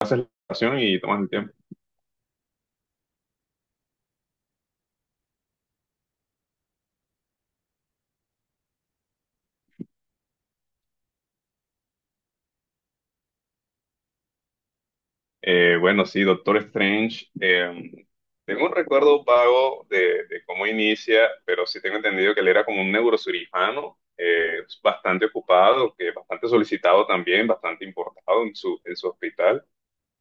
Haces la oración y tomas el tiempo. Bueno, sí, Doctor Strange. Tengo un recuerdo vago de cómo inicia, pero sí tengo entendido que él era como un neurocirujano, bastante ocupado, que bastante solicitado también, bastante importado en su hospital.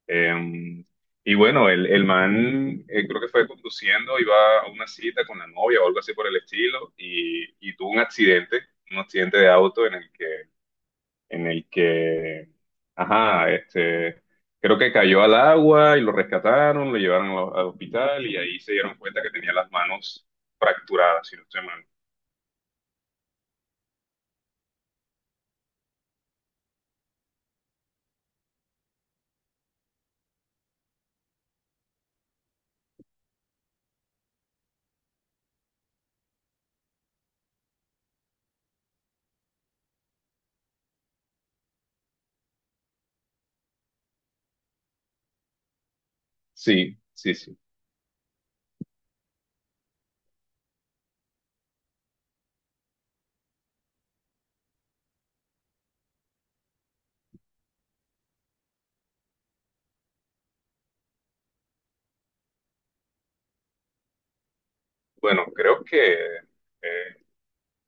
Eh, y bueno, el man creo que fue conduciendo, iba a una cita con la novia o algo así por el estilo, y tuvo un accidente de auto en el que, ajá, este, creo que cayó al agua y lo rescataron, lo llevaron al, al hospital y ahí se dieron cuenta que tenía las manos fracturadas, si no estoy mal. Sí, sí, sí. Bueno, creo que eh,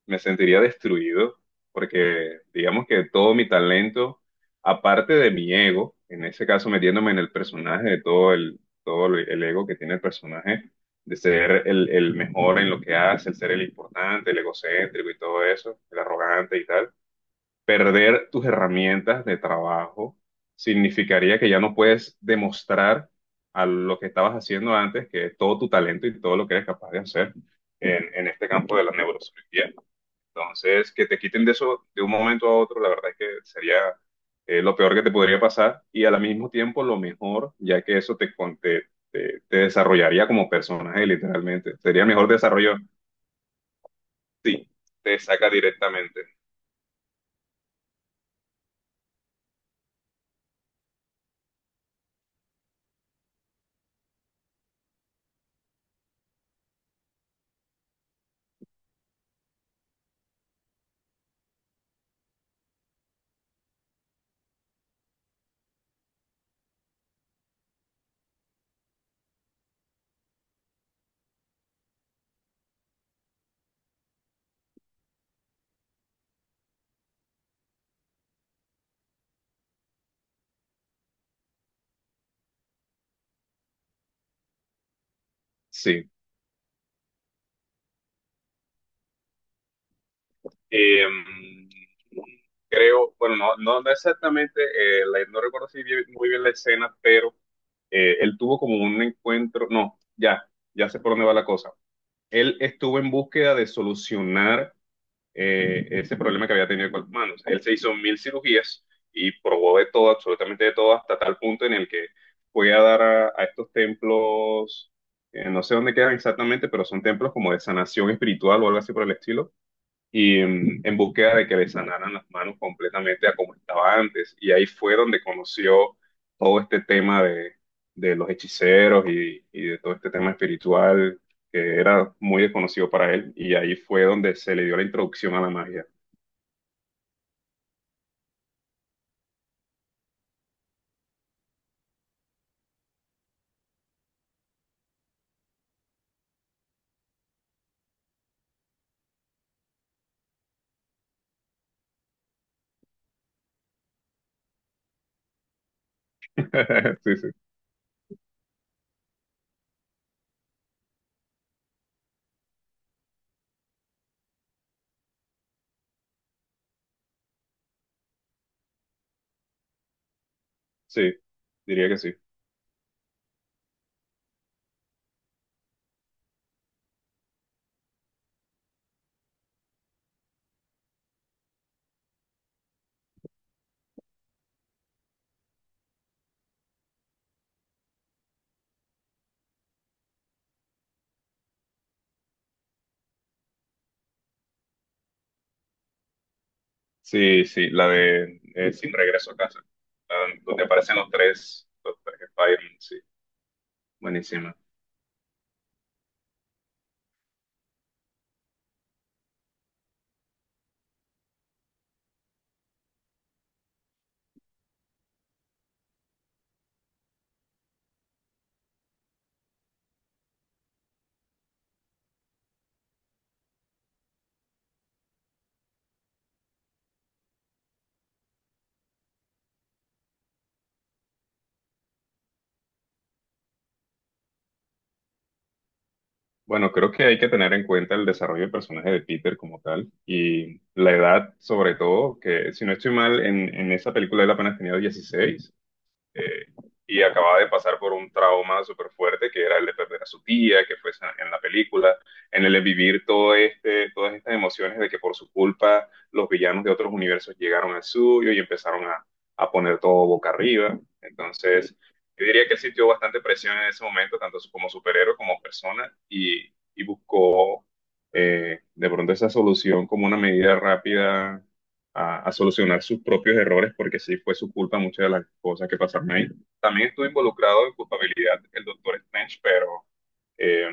me sentiría destruido porque digamos que todo mi talento, aparte de mi ego, en ese caso metiéndome en el personaje, de todo el, todo el ego que tiene el personaje, de ser el mejor en lo que hace, el ser el importante, el egocéntrico y todo eso, el arrogante y tal, perder tus herramientas de trabajo significaría que ya no puedes demostrar a lo que estabas haciendo antes que todo tu talento y todo lo que eres capaz de hacer en este campo de la neurociencia. Entonces, que te quiten de eso de un momento a otro, la verdad es que sería lo peor que te podría pasar y al mismo tiempo lo mejor, ya que eso te, con- te- te desarrollaría como personaje, literalmente. Sería mejor desarrollo, sí, te saca directamente, sí. Eh, Creo, bueno, no, no, no exactamente, la- no recuerdo si bien- muy bien la escena, pero él tuvo como un encuentro, no, ya, ya sé por dónde va la cosa. Él estuvo en búsqueda de solucionar ese problema que había tenido con las manos. Él se hizo mil cirugías y probó de todo, absolutamente de todo, hasta tal punto en el que fue a dar a estos templos, no sé dónde quedan exactamente, pero son templos como de sanación espiritual o algo así por el estilo y en búsqueda de que le sanaran las manos completamente a como estaba antes. Y ahí fue donde conoció todo este tema de los hechiceros y de todo este tema espiritual que era muy desconocido para él. Y ahí fue donde se le dio la introducción a la magia. Sí, sí, sí, diría que sí. Sí, sí, la de Sin Regreso a Casa, la donde aparecen los tres Spider-Man, sí, buenísima. Bueno, creo que hay que tener en cuenta el desarrollo del personaje de Peter como tal y la edad sobre todo, que si no estoy mal, en esa película él apenas tenía 16 eh, y acababa de pasar por un trauma súper fuerte que era el de perder a su tía, que fue en la película, en el de vivir todo este, todas estas emociones de que por su culpa los villanos de otros universos llegaron al suyo y empezaron a poner todo boca arriba. Entonces, yo diría que él sintió bastante presión en ese momento, tanto como superhéroe como persona, y buscó de pronto esa solución como una medida rápida a solucionar sus propios errores, porque sí fue su culpa muchas de las cosas que pasaron ahí. También estuvo involucrado en culpabilidad el doctor Strange, pero eh,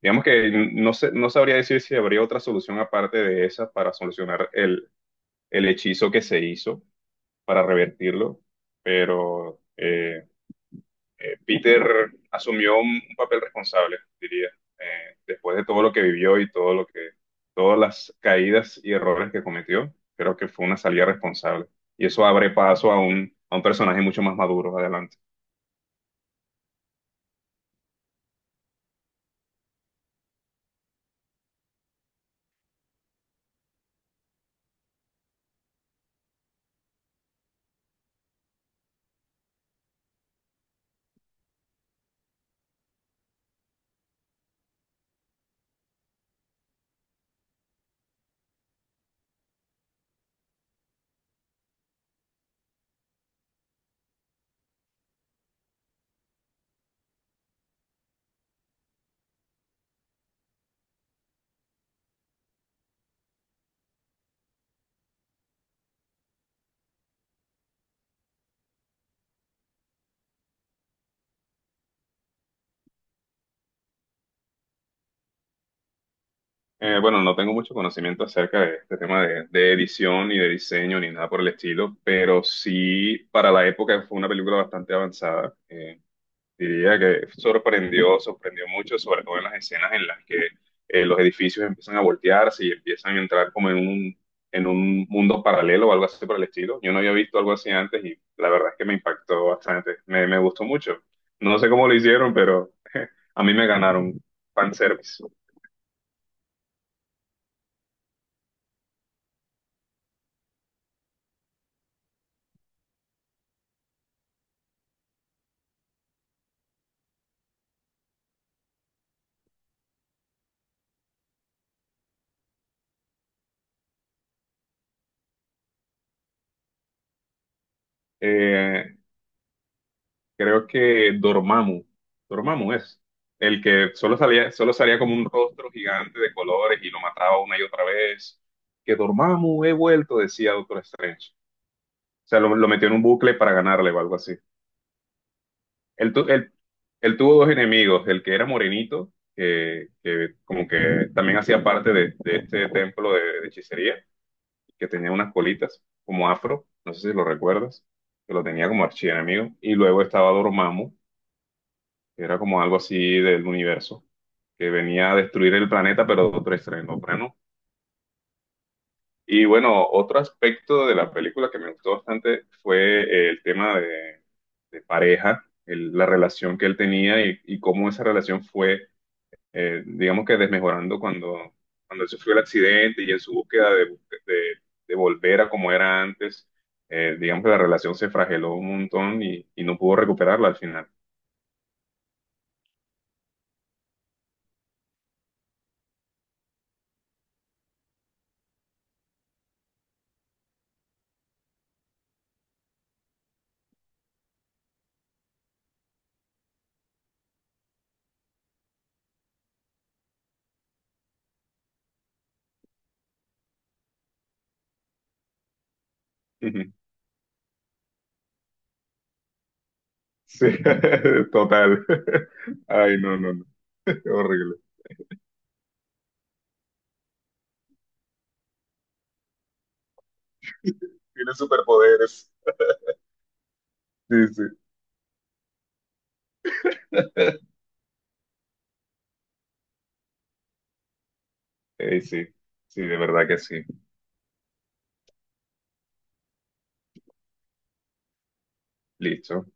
digamos que no sé, no sabría decir si habría otra solución aparte de esa para solucionar el hechizo que se hizo, para revertirlo, pero... Peter asumió un papel responsable, diría, después de todo lo que vivió y todo lo que, todas las caídas y errores que cometió, creo que fue una salida responsable. Y eso abre paso a un personaje mucho más maduro adelante. Bueno, no tengo mucho conocimiento acerca de este tema de edición ni de diseño ni nada por el estilo, pero sí para la época fue una película bastante avanzada. Diría que sorprendió, sorprendió mucho, sobre todo en las escenas en las que los edificios empiezan a voltearse y empiezan a entrar como en un mundo paralelo o algo así por el estilo. Yo no había visto algo así antes y la verdad es que me impactó bastante, me gustó mucho. No sé cómo lo hicieron, pero a mí me ganaron fanservice. Service creo que Dormammu, Dormammu es el que solo salía como un rostro gigante de colores y lo mataba una y otra vez. Que Dormammu he vuelto, decía Doctor Strange. O sea, lo metió en un bucle para ganarle o algo así. Él, tu- él tuvo dos enemigos, el que era morenito, que como que también hacía parte de este templo de hechicería, que tenía unas colitas como afro, no sé si lo recuerdas, que lo tenía como archienemigo. Y luego estaba Dormammu, era como algo así del universo, que venía a destruir el planeta, pero de otro estreno, plano. Y bueno, otro aspecto de la película que me gustó bastante fue el tema de pareja, el- la relación que él tenía y cómo esa relación fue, digamos que desmejorando cuando, cuando él sufrió el accidente y en su búsqueda de, de volver a como era antes, digamos que la relación se frageló un montón y no pudo recuperarla al final. Sí, total. Ay, no, no, no. Horrible. Tiene superpoderes. Sí, sí. Sí, sí, de verdad que sí. Listo,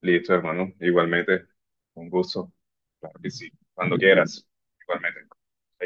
listo, hermano. Igualmente, un gusto. Claro que sí. Cuando quieras. Igualmente. Ahí